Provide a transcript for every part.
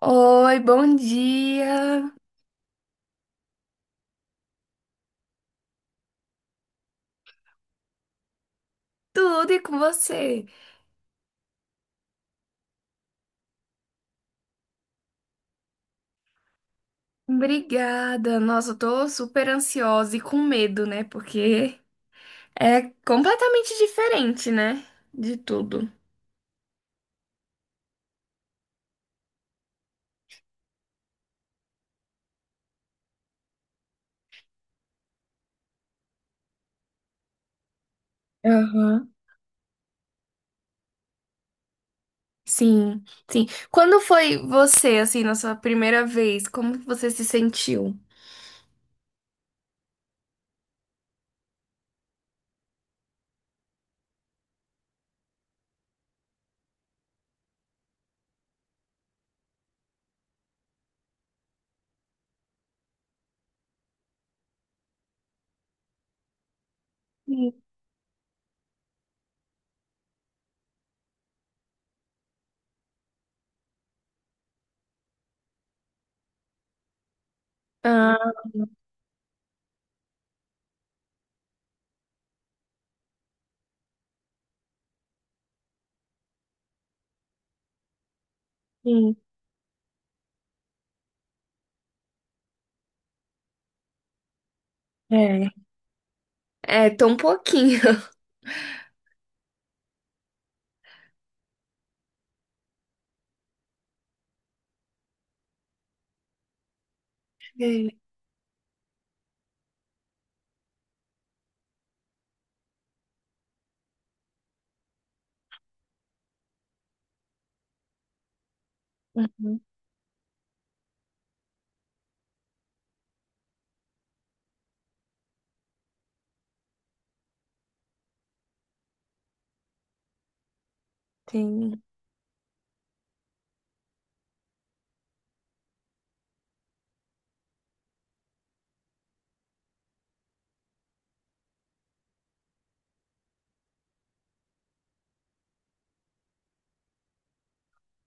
Oi, bom dia! Tudo e com você? Obrigada! Nossa, eu tô super ansiosa e com medo, né? Porque é completamente diferente, né? De tudo. Aham. Sim, sim. Quando foi você, assim, na sua primeira vez? Como que você se sentiu? Sim. Ah, sim. É. É, tô um pouquinho. É. Uhum. Sim,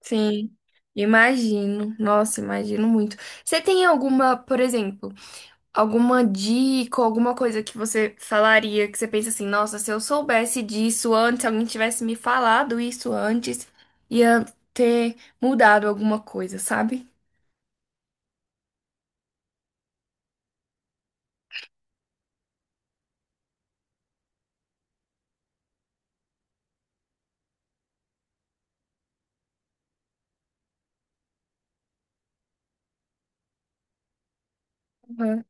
sim. Imagino. Nossa, imagino muito. Você tem alguma, por exemplo? Alguma dica, alguma coisa que você falaria, que você pensa assim, nossa, se eu soubesse disso antes, se alguém tivesse me falado isso antes, ia ter mudado alguma coisa, sabe? Aham,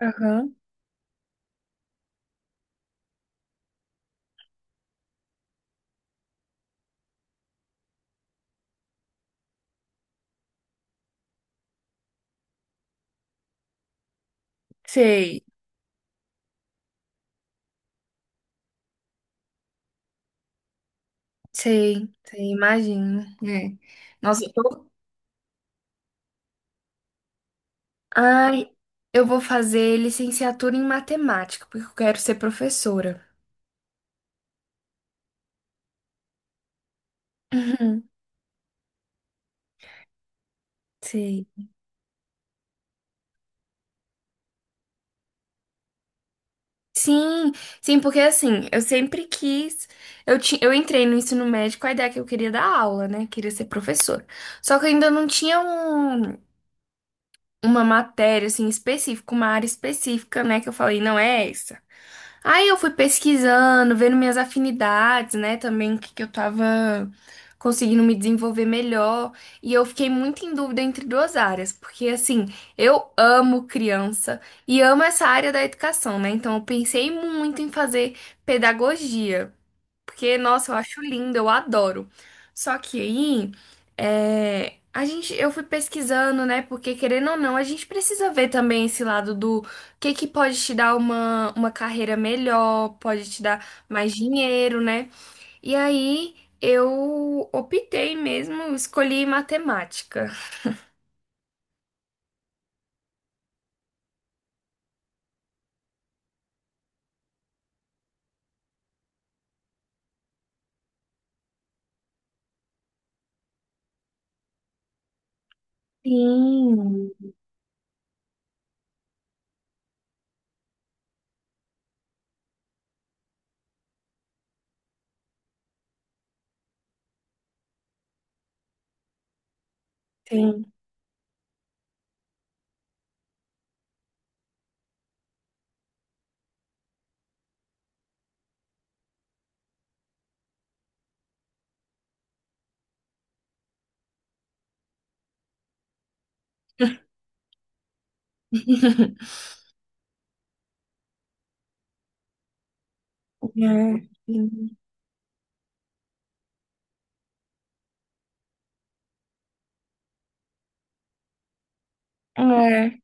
aham. Sei, sei, sei, imagino, né? Nossa, eu tô... Ai, eu vou fazer licenciatura em matemática, porque eu quero ser professora. Uhum, sei. Sim, sim, porque assim, eu sempre quis. Eu entrei no ensino médio com a ideia que eu queria dar aula, né? Queria ser professora. Só que eu ainda não tinha uma matéria, assim, específica, uma área específica, né? Que eu falei, não é essa. Aí eu fui pesquisando, vendo minhas afinidades, né? Também o que que eu tava conseguindo me desenvolver melhor. E eu fiquei muito em dúvida entre duas áreas, porque assim, eu amo criança e amo essa área da educação, né? Então eu pensei muito em fazer pedagogia. Porque, nossa, eu acho lindo, eu adoro. Só que aí, é, eu fui pesquisando, né? Porque, querendo ou não, a gente precisa ver também esse lado do que pode te dar uma carreira melhor, pode te dar mais dinheiro, né? E aí, eu optei mesmo, escolhi matemática. Sim, sim. É, sim. É.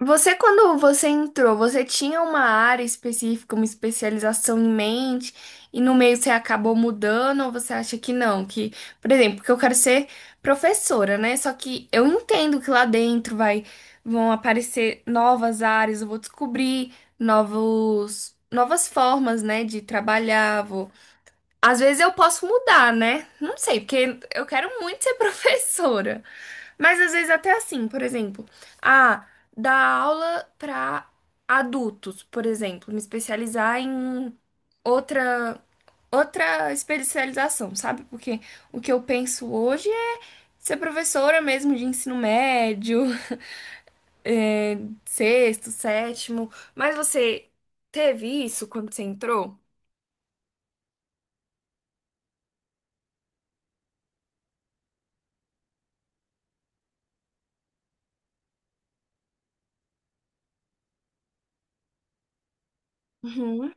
Você, quando você entrou, você tinha uma área específica, uma especialização em mente, e no meio você acabou mudando, ou você acha que não? Que, por exemplo, que eu quero ser professora, né? Só que eu entendo que lá dentro vão aparecer novas áreas, eu vou descobrir novas formas, né, de trabalhar, vou às vezes eu posso mudar, né? Não sei, porque eu quero muito ser professora. Mas às vezes até assim, por exemplo, ah, dar aula para adultos, por exemplo, me especializar em outra outra especialização, sabe? Porque o que eu penso hoje é ser professora mesmo de ensino médio, é, sexto, sétimo. Mas você teve isso quando você entrou? Uhum.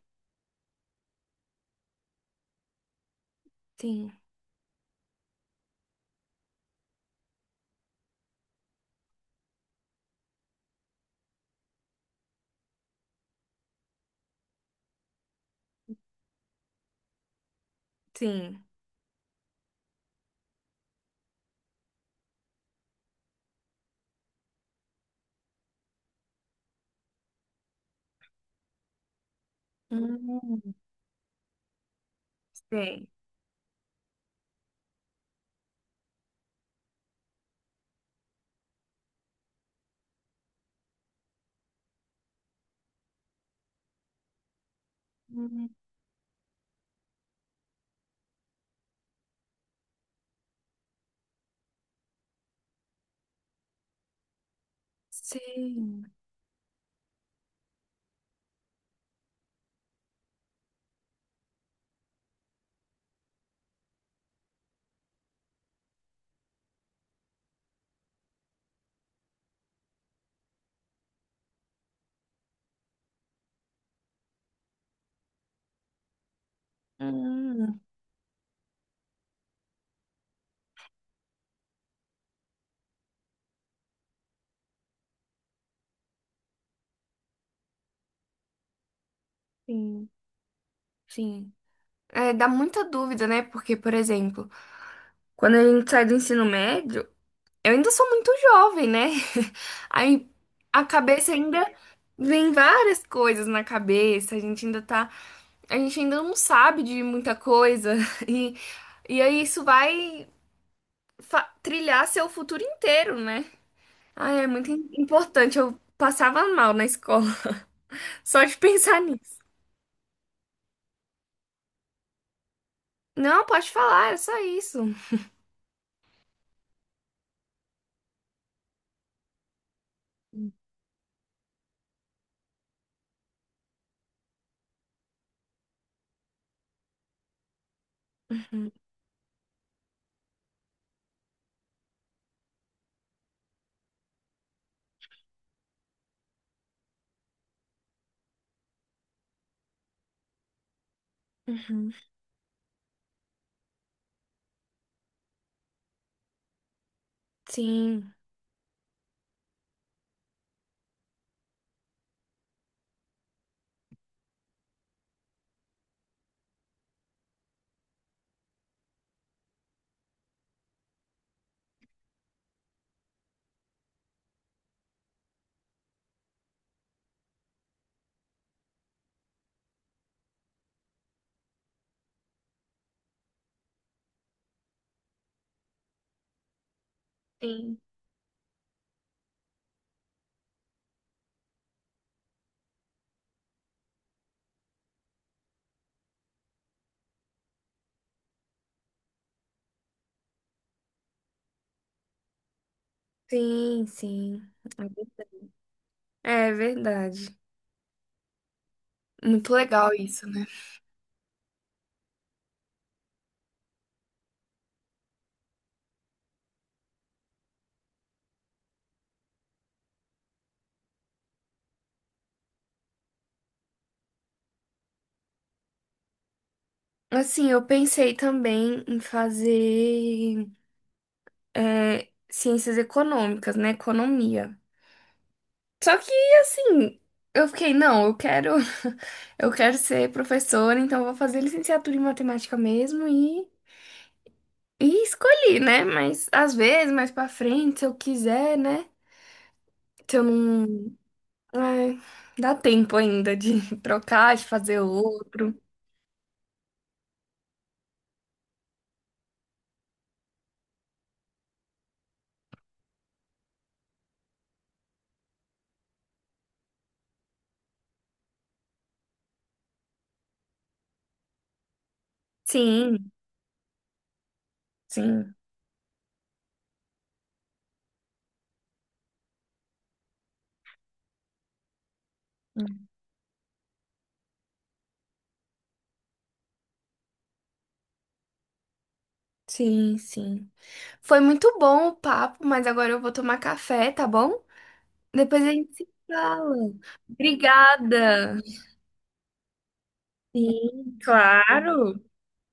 Sim, sim. Hum. Sim. Hum. Sei. Hum, sim, sim. É, dá muita dúvida, né? Porque, por exemplo, quando a gente sai do ensino médio, eu ainda sou muito jovem, né? Aí a cabeça ainda vem várias coisas na cabeça, a gente ainda tá, a gente ainda não sabe de muita coisa e aí isso vai trilhar seu futuro inteiro, né? Ah, é muito importante. Eu passava mal na escola só de pensar. Não, pode falar, era só isso. Uhum. Sim, sim. Sim, sim. É verdade. Muito legal isso, né? Assim, eu pensei também em fazer é, ciências econômicas, né? Economia. Só que, assim, eu fiquei, não, eu quero, eu quero ser professora, então eu vou fazer licenciatura em matemática mesmo e escolhi, né? Mas às vezes, mais pra frente, se eu quiser, né? Se eu não. Ai, dá tempo ainda de trocar, de fazer outro. Sim, sim. Sim, sim. Foi muito bom o papo, mas agora eu vou tomar café, tá bom? Depois a gente se fala. Obrigada. Sim, claro.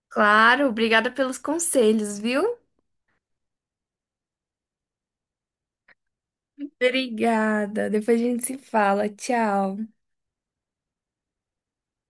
Claro, obrigada pelos conselhos, viu? Obrigada. Depois a gente se fala. Tchau.